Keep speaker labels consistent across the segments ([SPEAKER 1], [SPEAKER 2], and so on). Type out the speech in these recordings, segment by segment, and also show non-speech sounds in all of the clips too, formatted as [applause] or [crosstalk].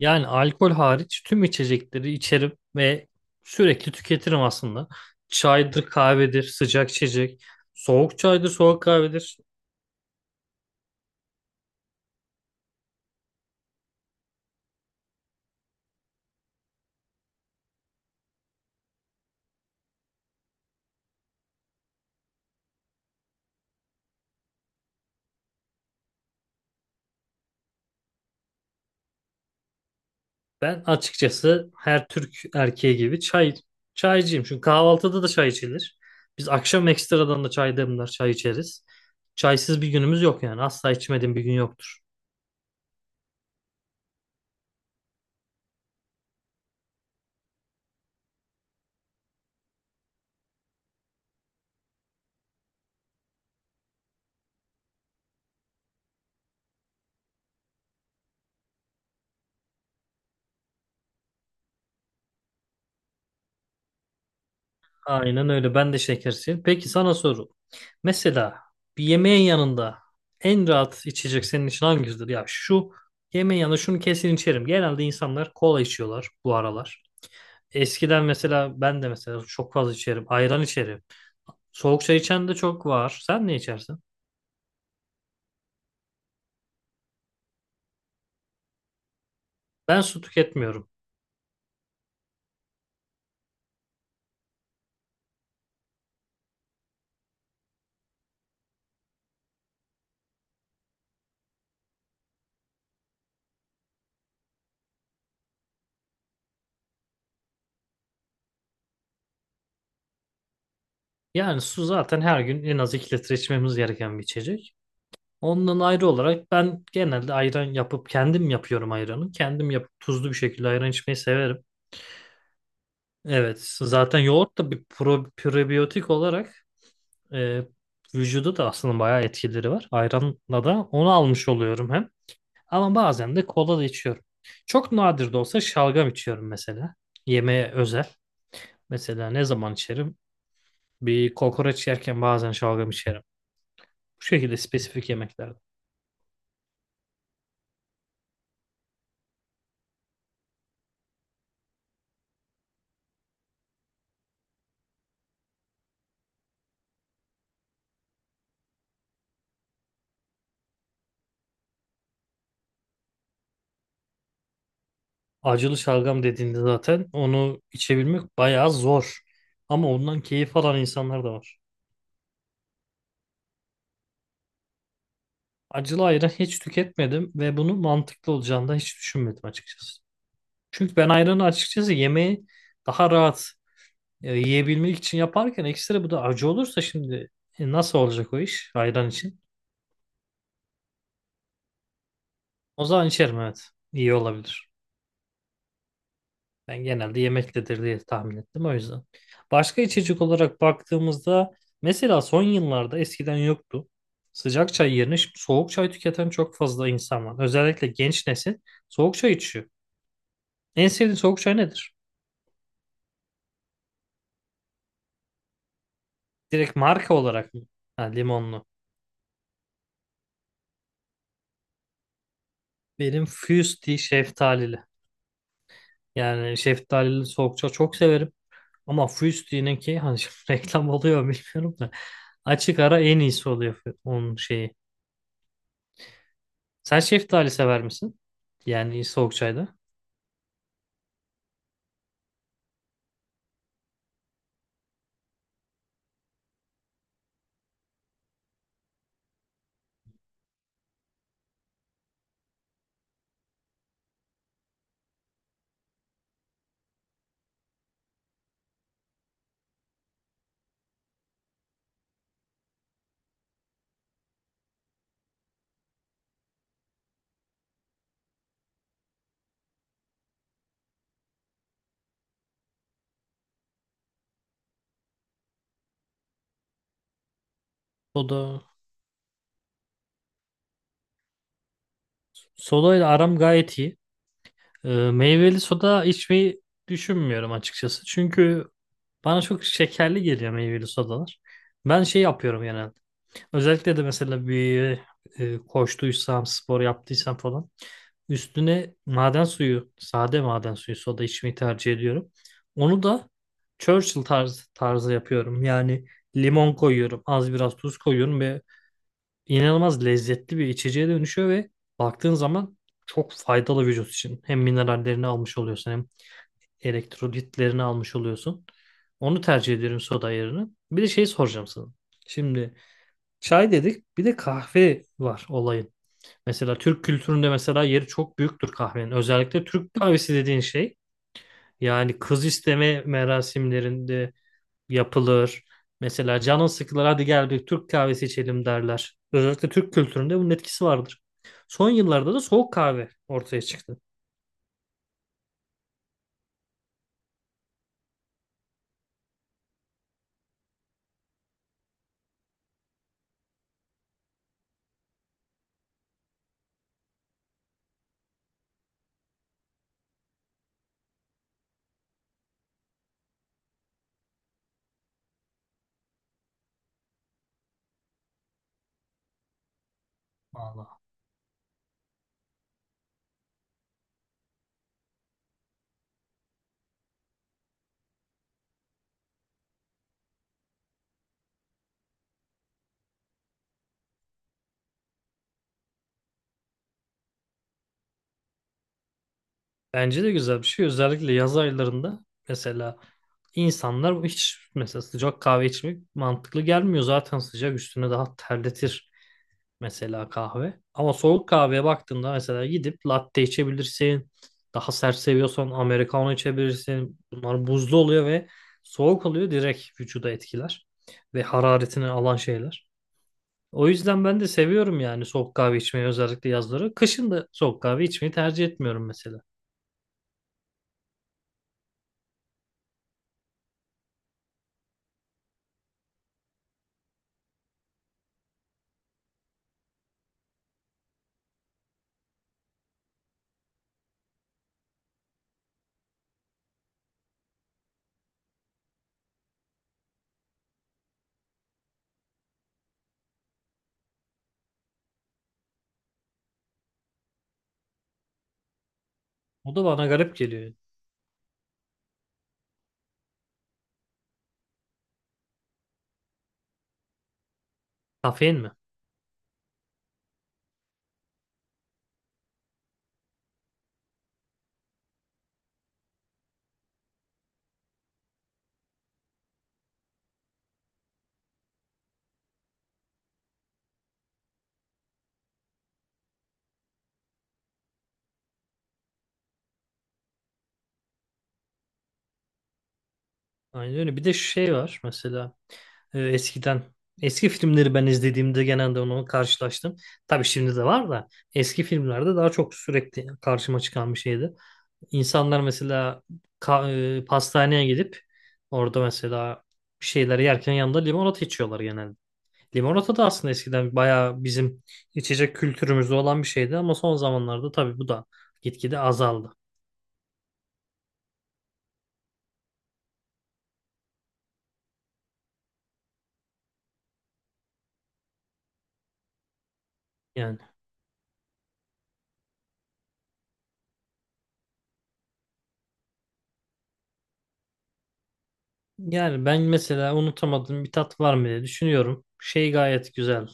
[SPEAKER 1] Yani alkol hariç tüm içecekleri içerim ve sürekli tüketirim aslında. Çaydır, kahvedir, sıcak içecek, soğuk çaydır, soğuk kahvedir. Ben açıkçası her Türk erkeği gibi çaycıyım. Çünkü kahvaltıda da çay içilir. Biz akşam ekstradan da çay demler, çay içeriz. Çaysız bir günümüz yok yani. Asla içmediğim bir gün yoktur. Aynen öyle. Ben de şekerciyim. Peki sana soru. Mesela bir yemeğin yanında en rahat içecek senin için hangisidir? Ya şu yemeğin yanında şunu kesin içerim. Genelde insanlar kola içiyorlar bu aralar. Eskiden mesela ben de mesela çok fazla içerim. Ayran içerim. Soğuk çay içen de çok var. Sen ne içersin? Ben su tüketmiyorum. Yani su zaten her gün en az 2 litre içmemiz gereken bir içecek. Ondan ayrı olarak ben genelde ayran yapıp kendim yapıyorum ayranı. Kendim yapıp tuzlu bir şekilde ayran içmeyi severim. Evet, zaten yoğurt da bir probiyotik olarak e, vücuda da aslında bayağı etkileri var. Ayranla da onu almış oluyorum hem. Ama bazen de kola da içiyorum. Çok nadir de olsa şalgam içiyorum mesela. Yemeğe özel. Mesela ne zaman içerim? Bir kokoreç yerken bazen şalgam içerim. Bu şekilde spesifik yemeklerde. Acılı şalgam dediğinde zaten onu içebilmek bayağı zor. Ama ondan keyif alan insanlar da var. Acılı ayran hiç tüketmedim ve bunun mantıklı olacağını da hiç düşünmedim açıkçası. Çünkü ben ayranı açıkçası yemeği daha rahat yiyebilmek için yaparken ekstra bu da acı olursa şimdi nasıl olacak o iş ayran için? O zaman içerim, evet. İyi olabilir. Ben genelde yemektedir diye tahmin ettim o yüzden. Başka içecek olarak baktığımızda mesela son yıllarda eskiden yoktu. Sıcak çay yerine şimdi soğuk çay tüketen çok fazla insan var. Özellikle genç nesil soğuk çay içiyor. En sevdiğin soğuk çay nedir? Direkt marka olarak mı? Ha, limonlu. Benim Fusti şeftalili. Yani şeftalili soğukça çok severim. Ama Fusti'ninki hani şimdi [laughs] reklam oluyor mu bilmiyorum da. Açık ara en iyisi oluyor onun şeyi. Sen şeftali sever misin? Yani soğuk çayda. Soda. Soda ile aram gayet iyi. Meyveli soda içmeyi düşünmüyorum açıkçası. Çünkü bana çok şekerli geliyor meyveli sodalar. Ben şey yapıyorum genelde. Özellikle de mesela bir koştuysam, spor yaptıysam falan üstüne maden suyu, sade maden suyu soda içmeyi tercih ediyorum. Onu da Churchill tarzı yapıyorum. Yani limon koyuyorum, az biraz tuz koyuyorum ve inanılmaz lezzetli bir içeceğe dönüşüyor ve baktığın zaman çok faydalı vücut için. Hem minerallerini almış oluyorsun hem elektrolitlerini almış oluyorsun. Onu tercih ediyorum soda yerine. Bir de şey soracağım sana. Şimdi çay dedik. Bir de kahve var olayın. Mesela Türk kültüründe mesela yeri çok büyüktür kahvenin. Özellikle Türk kahvesi dediğin şey yani kız isteme merasimlerinde yapılır. Mesela canın sıkılır, hadi gel bir Türk kahvesi içelim derler. Özellikle Türk kültüründe bunun etkisi vardır. Son yıllarda da soğuk kahve ortaya çıktı. Vallahi. Bence de güzel bir şey. Özellikle yaz aylarında mesela insanlar hiç mesela sıcak kahve içmek mantıklı gelmiyor. Zaten sıcak üstüne daha terletir mesela kahve. Ama soğuk kahveye baktığında mesela gidip latte içebilirsin. Daha sert seviyorsan americano içebilirsin. Bunlar buzlu oluyor ve soğuk oluyor, direkt vücuda etkiler ve hararetini alan şeyler. O yüzden ben de seviyorum yani soğuk kahve içmeyi özellikle yazları. Kışın da soğuk kahve içmeyi tercih etmiyorum mesela. O da bana garip geliyor yani. Kafein mi? Aynen öyle. Bir de şey var mesela eskiden eski filmleri ben izlediğimde genelde onu karşılaştım. Tabii şimdi de var da eski filmlerde daha çok sürekli karşıma çıkan bir şeydi. İnsanlar mesela pastaneye gidip orada mesela bir şeyler yerken yanında limonata içiyorlar genelde. Limonata da aslında eskiden bayağı bizim içecek kültürümüzde olan bir şeydi ama son zamanlarda tabii bu da gitgide azaldı. Yani Yani ben mesela unutamadığım bir tat var mı diye düşünüyorum. Şey gayet güzel.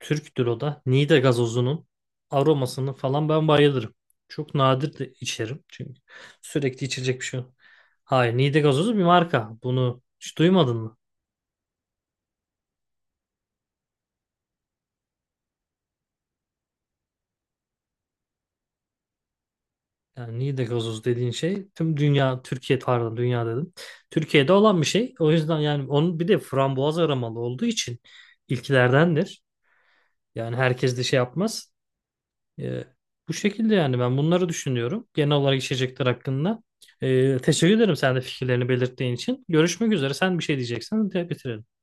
[SPEAKER 1] Türktür o da. Niğde gazozunun aromasını falan ben bayılırım. Çok nadir de içerim. Çünkü sürekli içecek bir şey yok. Hayır, Niğde gazozu bir marka. Bunu hiç duymadın mı? Yani Niğde gazozu dediğin şey tüm dünya, Türkiye, pardon, dünya dedim. Türkiye'de olan bir şey. O yüzden yani onun bir de frambuaz aromalı olduğu için ilklerdendir. Yani herkes de şey yapmaz. E, Bu şekilde yani ben bunları düşünüyorum genel olarak içecekler hakkında. Teşekkür ederim sen de fikirlerini belirttiğin için. Görüşmek üzere. Sen bir şey diyeceksen de bitirelim.